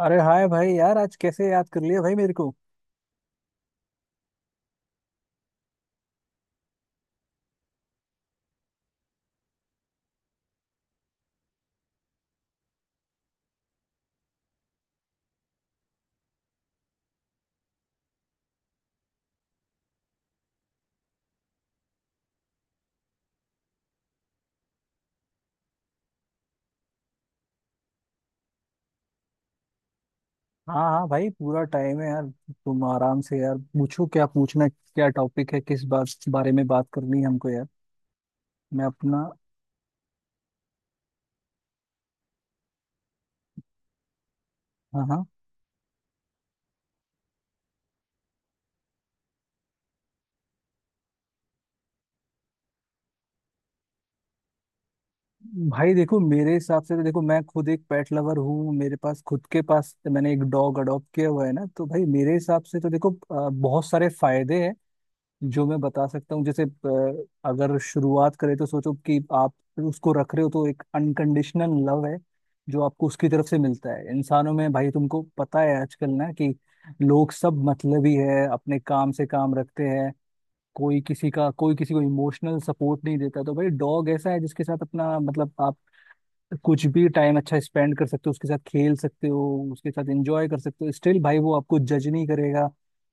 अरे हाय भाई यार, आज कैसे याद कर लिया भाई मेरे को। हाँ हाँ भाई, पूरा टाइम है यार। तुम आराम से यार पूछो, क्या पूछना है, क्या टॉपिक है, किस बात बारे में बात करनी है हमको यार। मैं अपना। हाँ हाँ। भाई देखो, मेरे हिसाब से तो देखो, मैं खुद एक पेट लवर हूँ, मेरे पास खुद के पास मैंने एक डॉग अडॉप्ट किया हुआ है ना, तो भाई मेरे हिसाब से तो देखो बहुत सारे फायदे हैं जो मैं बता सकता हूँ। जैसे अगर शुरुआत करें तो सोचो कि आप उसको रख रहे हो तो एक अनकंडीशनल लव है जो आपको उसकी तरफ से मिलता है। इंसानों में भाई तुमको पता है आजकल ना कि लोग सब मतलबी है, अपने काम से काम रखते हैं। कोई किसी का, कोई किसी को इमोशनल सपोर्ट नहीं देता। तो भाई डॉग ऐसा है जिसके साथ अपना मतलब आप कुछ भी टाइम अच्छा स्पेंड कर सकते हो, उसके साथ खेल सकते हो, उसके साथ एंजॉय कर सकते हो। स्टिल भाई वो आपको जज नहीं करेगा,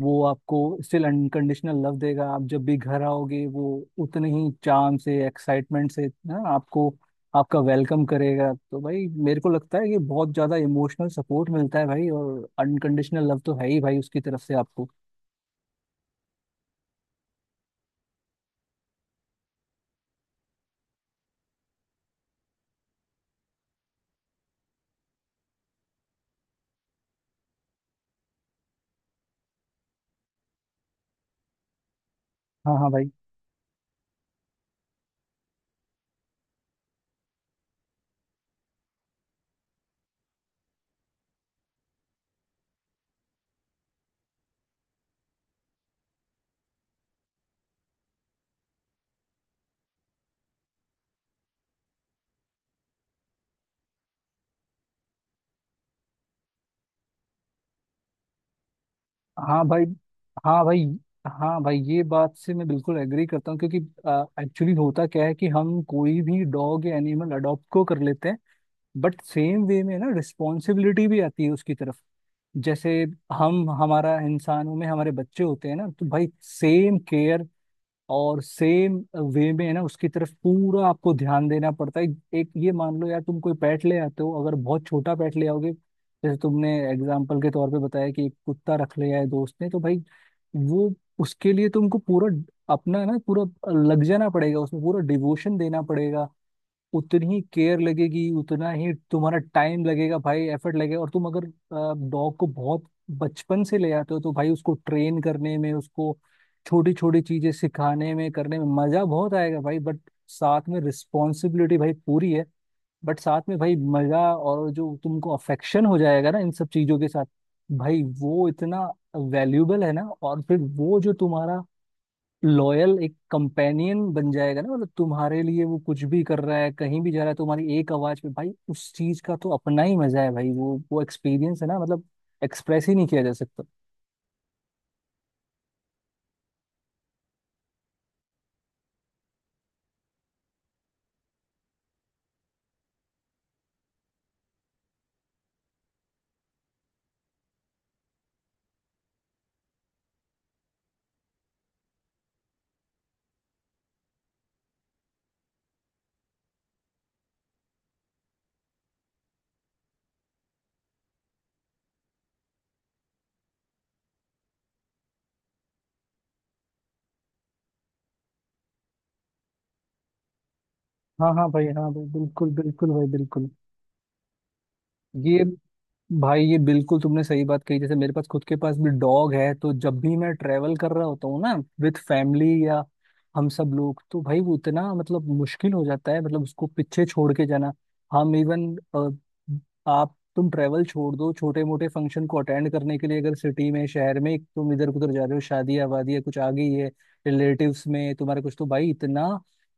वो आपको स्टिल अनकंडीशनल लव देगा। आप जब भी घर आओगे वो उतने ही चाम से, एक्साइटमेंट से ना आपको, आपका वेलकम करेगा। तो भाई मेरे को लगता है ये बहुत ज्यादा इमोशनल सपोर्ट मिलता है भाई, और अनकंडीशनल लव तो है ही भाई उसकी तरफ से आपको। हाँ हाँ भाई। हाँ भाई। हाँ भाई। हाँ भाई, ये बात से मैं बिल्कुल एग्री करता हूँ क्योंकि एक्चुअली होता क्या है कि हम कोई भी डॉग या एनिमल अडॉप्ट को कर लेते हैं, बट सेम वे में ना रिस्पॉन्सिबिलिटी भी आती है उसकी तरफ। जैसे हम, हमारा इंसानों में हमारे बच्चे होते हैं ना, तो भाई सेम केयर और सेम वे में है ना, उसकी तरफ पूरा आपको ध्यान देना पड़ता है। एक ये मान लो यार, तुम कोई पेट ले आते हो, अगर बहुत छोटा पेट ले आओगे, जैसे तुमने एग्जाम्पल के तौर पे बताया कि एक कुत्ता रख लिया है दोस्त ने, तो भाई वो, उसके लिए तुमको पूरा अपना ना पूरा लग जाना पड़ेगा, उसमें पूरा डिवोशन देना पड़ेगा। उतनी ही केयर लगेगी, उतना ही तुम्हारा टाइम लगेगा भाई, एफर्ट लगेगा। और तुम अगर डॉग को बहुत बचपन से ले आते हो तो भाई उसको ट्रेन करने में, उसको छोटी छोटी चीजें सिखाने में, करने में मजा बहुत आएगा भाई। बट साथ में रिस्पॉन्सिबिलिटी भाई पूरी है। बट साथ में भाई मजा, और जो तुमको अफेक्शन हो जाएगा ना इन सब चीजों के साथ, भाई वो इतना वैल्यूबल है ना। और फिर वो जो तुम्हारा लॉयल एक कंपेनियन बन जाएगा ना, मतलब तुम्हारे लिए वो कुछ भी कर रहा है, कहीं भी जा रहा है तुम्हारी एक आवाज पे, भाई उस चीज का तो अपना ही मजा है भाई। वो एक्सपीरियंस है ना मतलब, एक्सप्रेस ही नहीं किया जा सकता। हाँ हाँ भाई। हाँ भाई बिल्कुल बिल्कुल भाई बिल्कुल। ये भाई, ये बिल्कुल तुमने सही बात कही। जैसे मेरे पास खुद के पास भी डॉग है, तो जब भी मैं ट्रेवल कर रहा होता हूँ ना विद फैमिली या हम सब लोग, तो भाई वो इतना मतलब मुश्किल हो जाता है मतलब उसको पीछे छोड़ के जाना। हम इवन, आप तुम ट्रेवल छोड़ दो, छोटे मोटे फंक्शन को अटेंड करने के लिए अगर सिटी में, शहर में तुम इधर उधर जा रहे हो, शादी आबादी है, कुछ आ गई है रिलेटिव्स में तुम्हारे कुछ, तो भाई इतना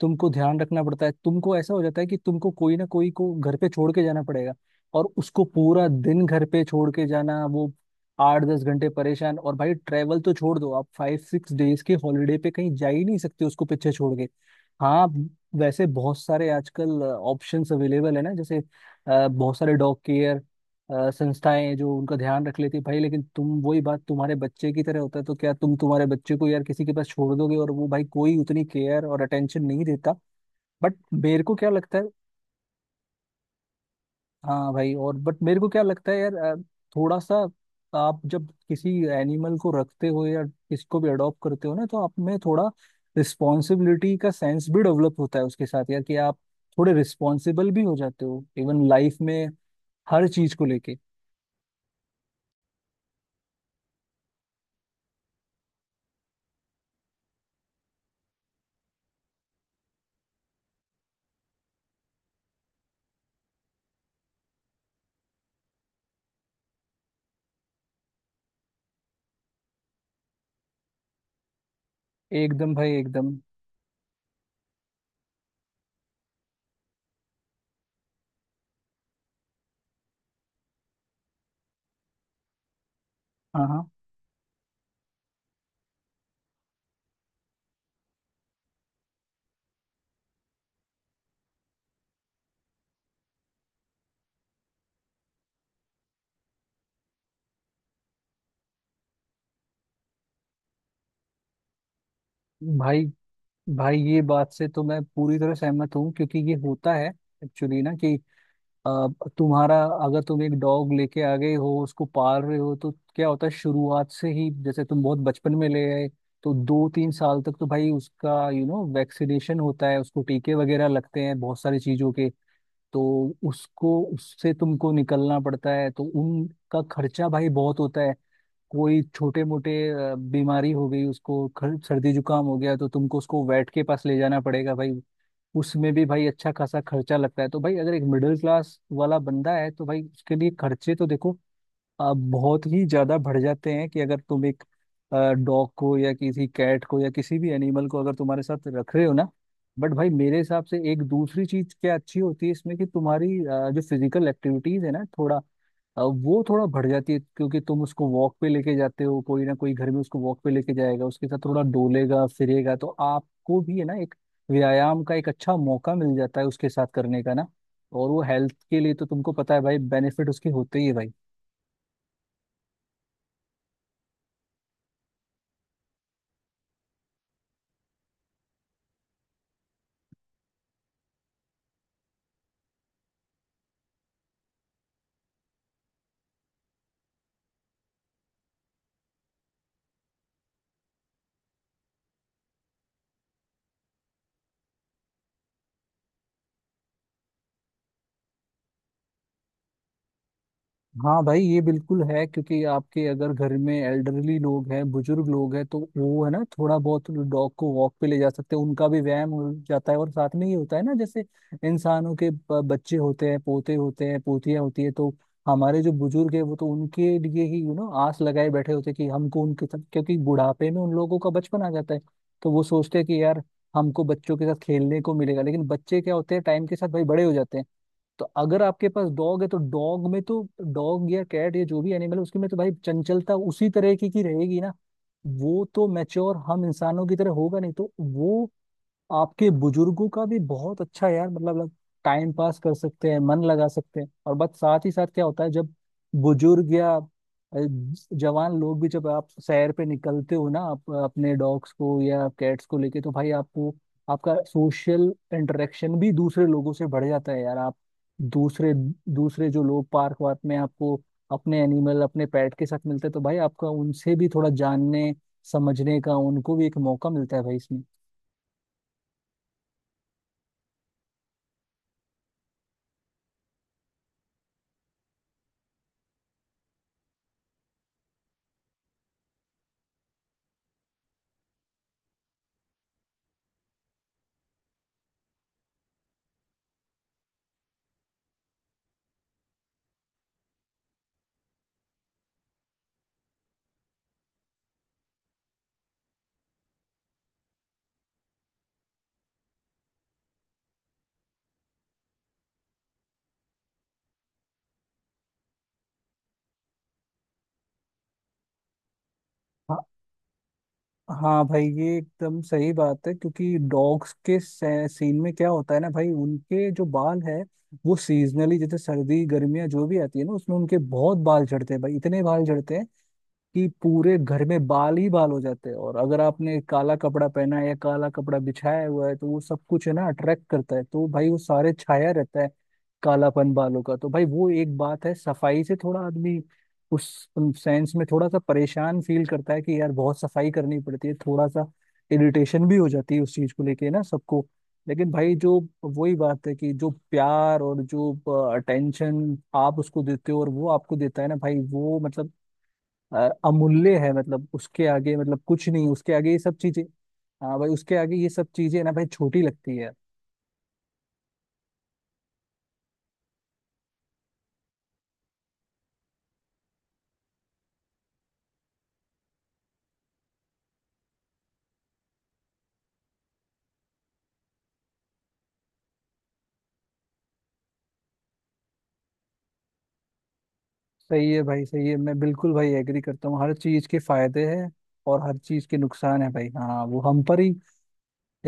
तुमको ध्यान रखना पड़ता है। तुमको ऐसा हो जाता है कि तुमको कोई ना कोई को घर पे छोड़ के जाना पड़ेगा, और उसको पूरा दिन घर पे छोड़ के जाना, वो आठ दस घंटे परेशान। और भाई ट्रेवल तो छोड़ दो, आप फाइव सिक्स डेज के हॉलीडे पे कहीं जा ही नहीं सकते उसको पीछे छोड़ के। हाँ, वैसे बहुत सारे आजकल ऑप्शंस अवेलेबल है ना, जैसे बहुत सारे डॉग केयर संस्थाएं हैं जो उनका ध्यान रख लेती है भाई। लेकिन तुम वही बात, तुम्हारे बच्चे की तरह होता है, तो क्या तुम तुम्हारे बच्चे को यार किसी के पास छोड़ दोगे? और वो भाई कोई उतनी केयर और अटेंशन नहीं देता। बट मेरे को क्या लगता है। हाँ भाई, और बट मेरे को क्या लगता है यार, थोड़ा सा आप जब किसी एनिमल को रखते हो या किसको भी अडॉप्ट करते हो ना, तो आप में थोड़ा रिस्पॉन्सिबिलिटी का सेंस भी डेवलप होता है उसके साथ यार। कि आप थोड़े रिस्पॉन्सिबल भी हो जाते हो इवन लाइफ में, हर चीज को लेके। एकदम भाई एकदम। हाँ हाँ भाई, भाई ये बात से तो मैं पूरी तरह सहमत हूँ क्योंकि ये होता है एक्चुअली ना कि अब तुम्हारा, अगर तुम एक डॉग लेके आ गए हो, उसको पाल रहे हो, तो क्या होता है शुरुआत से ही, जैसे तुम बहुत बचपन में ले आए, तो दो तीन साल तक तो भाई उसका वैक्सीनेशन होता है, उसको टीके वगैरह लगते हैं बहुत सारी चीजों के। तो उसको उससे तुमको निकलना पड़ता है, तो उनका खर्चा भाई बहुत होता है। कोई छोटे मोटे बीमारी हो गई, उसको सर्दी जुकाम हो गया, तो तुमको उसको वेट के पास ले जाना पड़ेगा भाई, उसमें भी भाई अच्छा खासा खर्चा लगता है। तो भाई अगर एक मिडिल क्लास वाला बंदा है तो भाई उसके लिए खर्चे तो देखो, आप बहुत ही ज्यादा बढ़ जाते हैं कि अगर तुम एक डॉग को या किसी कैट को या किसी भी एनिमल को अगर तुम्हारे साथ रख रहे हो ना। बट भाई मेरे हिसाब से एक दूसरी चीज क्या अच्छी होती है इसमें, कि तुम्हारी जो फिजिकल एक्टिविटीज है ना, थोड़ा वो थोड़ा बढ़ जाती है, क्योंकि तुम उसको वॉक पे लेके जाते हो, कोई ना कोई घर में उसको वॉक पे लेके जाएगा, उसके साथ थोड़ा डोलेगा फिरेगा, तो आपको भी है ना एक व्यायाम का एक अच्छा मौका मिल जाता है उसके साथ करने का ना। और वो हेल्थ के लिए तो तुमको पता है भाई बेनिफिट उसके होते ही है भाई। हाँ भाई ये बिल्कुल है, क्योंकि आपके अगर घर में एल्डरली लोग हैं, बुजुर्ग लोग हैं, तो वो है ना थोड़ा बहुत डॉग को वॉक पे ले जा सकते हैं, उनका भी व्यायाम हो जाता है। और साथ में ये होता है ना, जैसे इंसानों के बच्चे होते हैं, पोते होते हैं, पोतियां होती है, तो हमारे जो बुजुर्ग है वो तो उनके लिए ही आस लगाए बैठे होते हैं कि हमको उनके साथ, क्योंकि बुढ़ापे में उन लोगों का बचपन आ जाता है, तो वो सोचते हैं कि यार हमको बच्चों के साथ खेलने को मिलेगा। लेकिन बच्चे क्या होते हैं, टाइम के साथ भाई बड़े हो जाते हैं। तो अगर आपके पास डॉग है तो डॉग में तो, डॉग या कैट या जो भी एनिमल है उसके में तो भाई चंचलता उसी तरह की रहेगी ना, वो तो मैच्योर हम इंसानों की तरह होगा नहीं, तो वो आपके बुजुर्गों का भी बहुत अच्छा यार मतलब टाइम पास कर सकते हैं, मन लगा सकते हैं। और बस साथ ही साथ क्या होता है, जब बुजुर्ग या जवान लोग भी जब आप सैर पे निकलते हो ना आप अपने डॉग्स को या कैट्स को लेके, तो भाई आपको, आपका सोशल इंटरेक्शन भी दूसरे लोगों से बढ़ जाता है यार। आप दूसरे, दूसरे जो लोग पार्क वार्क में आपको अपने एनिमल अपने पेट के साथ मिलते हैं, तो भाई आपका उनसे भी थोड़ा जानने समझने का उनको भी एक मौका मिलता है भाई इसमें। हाँ भाई ये एकदम सही बात है, क्योंकि डॉग्स के सीन में क्या होता है ना भाई, उनके जो बाल है वो सीजनली जैसे सर्दी गर्मियाँ जो भी आती है ना, उसमें उनके बहुत बाल झड़ते हैं भाई, इतने बाल झड़ते हैं कि पूरे घर में बाल ही बाल हो जाते हैं। और अगर आपने काला कपड़ा पहना है या काला कपड़ा बिछाया हुआ है, तो वो सब कुछ है ना अट्रैक्ट करता है, तो भाई वो सारे छाया रहता है कालापन बालों का। तो भाई वो एक बात है, सफाई से थोड़ा आदमी उस सेंस में थोड़ा सा परेशान फील करता है कि यार बहुत सफाई करनी पड़ती है, थोड़ा सा इरिटेशन भी हो जाती है उस चीज को लेके ना सबको। लेकिन भाई जो वही बात है कि जो प्यार और जो अटेंशन आप उसको देते हो और वो आपको देता है ना भाई, वो मतलब अमूल्य है, मतलब उसके आगे मतलब कुछ नहीं, उसके आगे ये सब चीजें। हाँ भाई उसके आगे ये सब चीजें ना भाई छोटी लगती है। सही है भाई सही है, मैं बिल्कुल भाई एग्री करता हूँ, हर चीज के फायदे हैं और हर चीज के नुकसान है भाई। हाँ वो हम पर ही,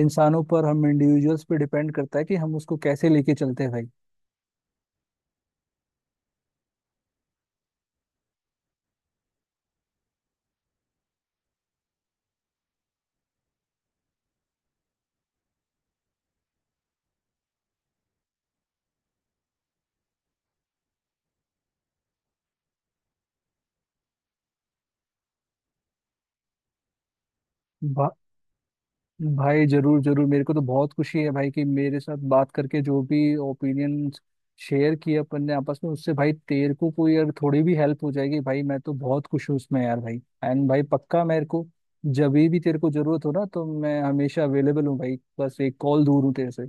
इंसानों पर, हम इंडिविजुअल्स पे डिपेंड करता है कि हम उसको कैसे लेके चलते हैं। भाई, भाई जरूर जरूर, मेरे को तो बहुत खुशी है भाई कि मेरे साथ बात करके जो भी ओपिनियन शेयर किए अपन ने आपस में, उससे भाई तेरे को कोई अगर थोड़ी भी हेल्प हो जाएगी भाई, मैं तो बहुत खुश हूँ उसमें यार भाई। एंड भाई पक्का, मेरे को जब भी तेरे को जरूरत हो ना तो मैं हमेशा अवेलेबल हूँ भाई, बस एक कॉल दूर हूँ तेरे से।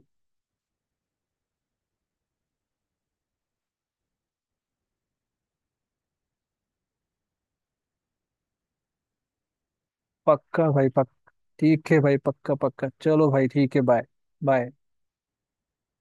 पक्का भाई पक्का। ठीक है भाई, पक्का पक्का, चलो भाई ठीक है, बाय बाय।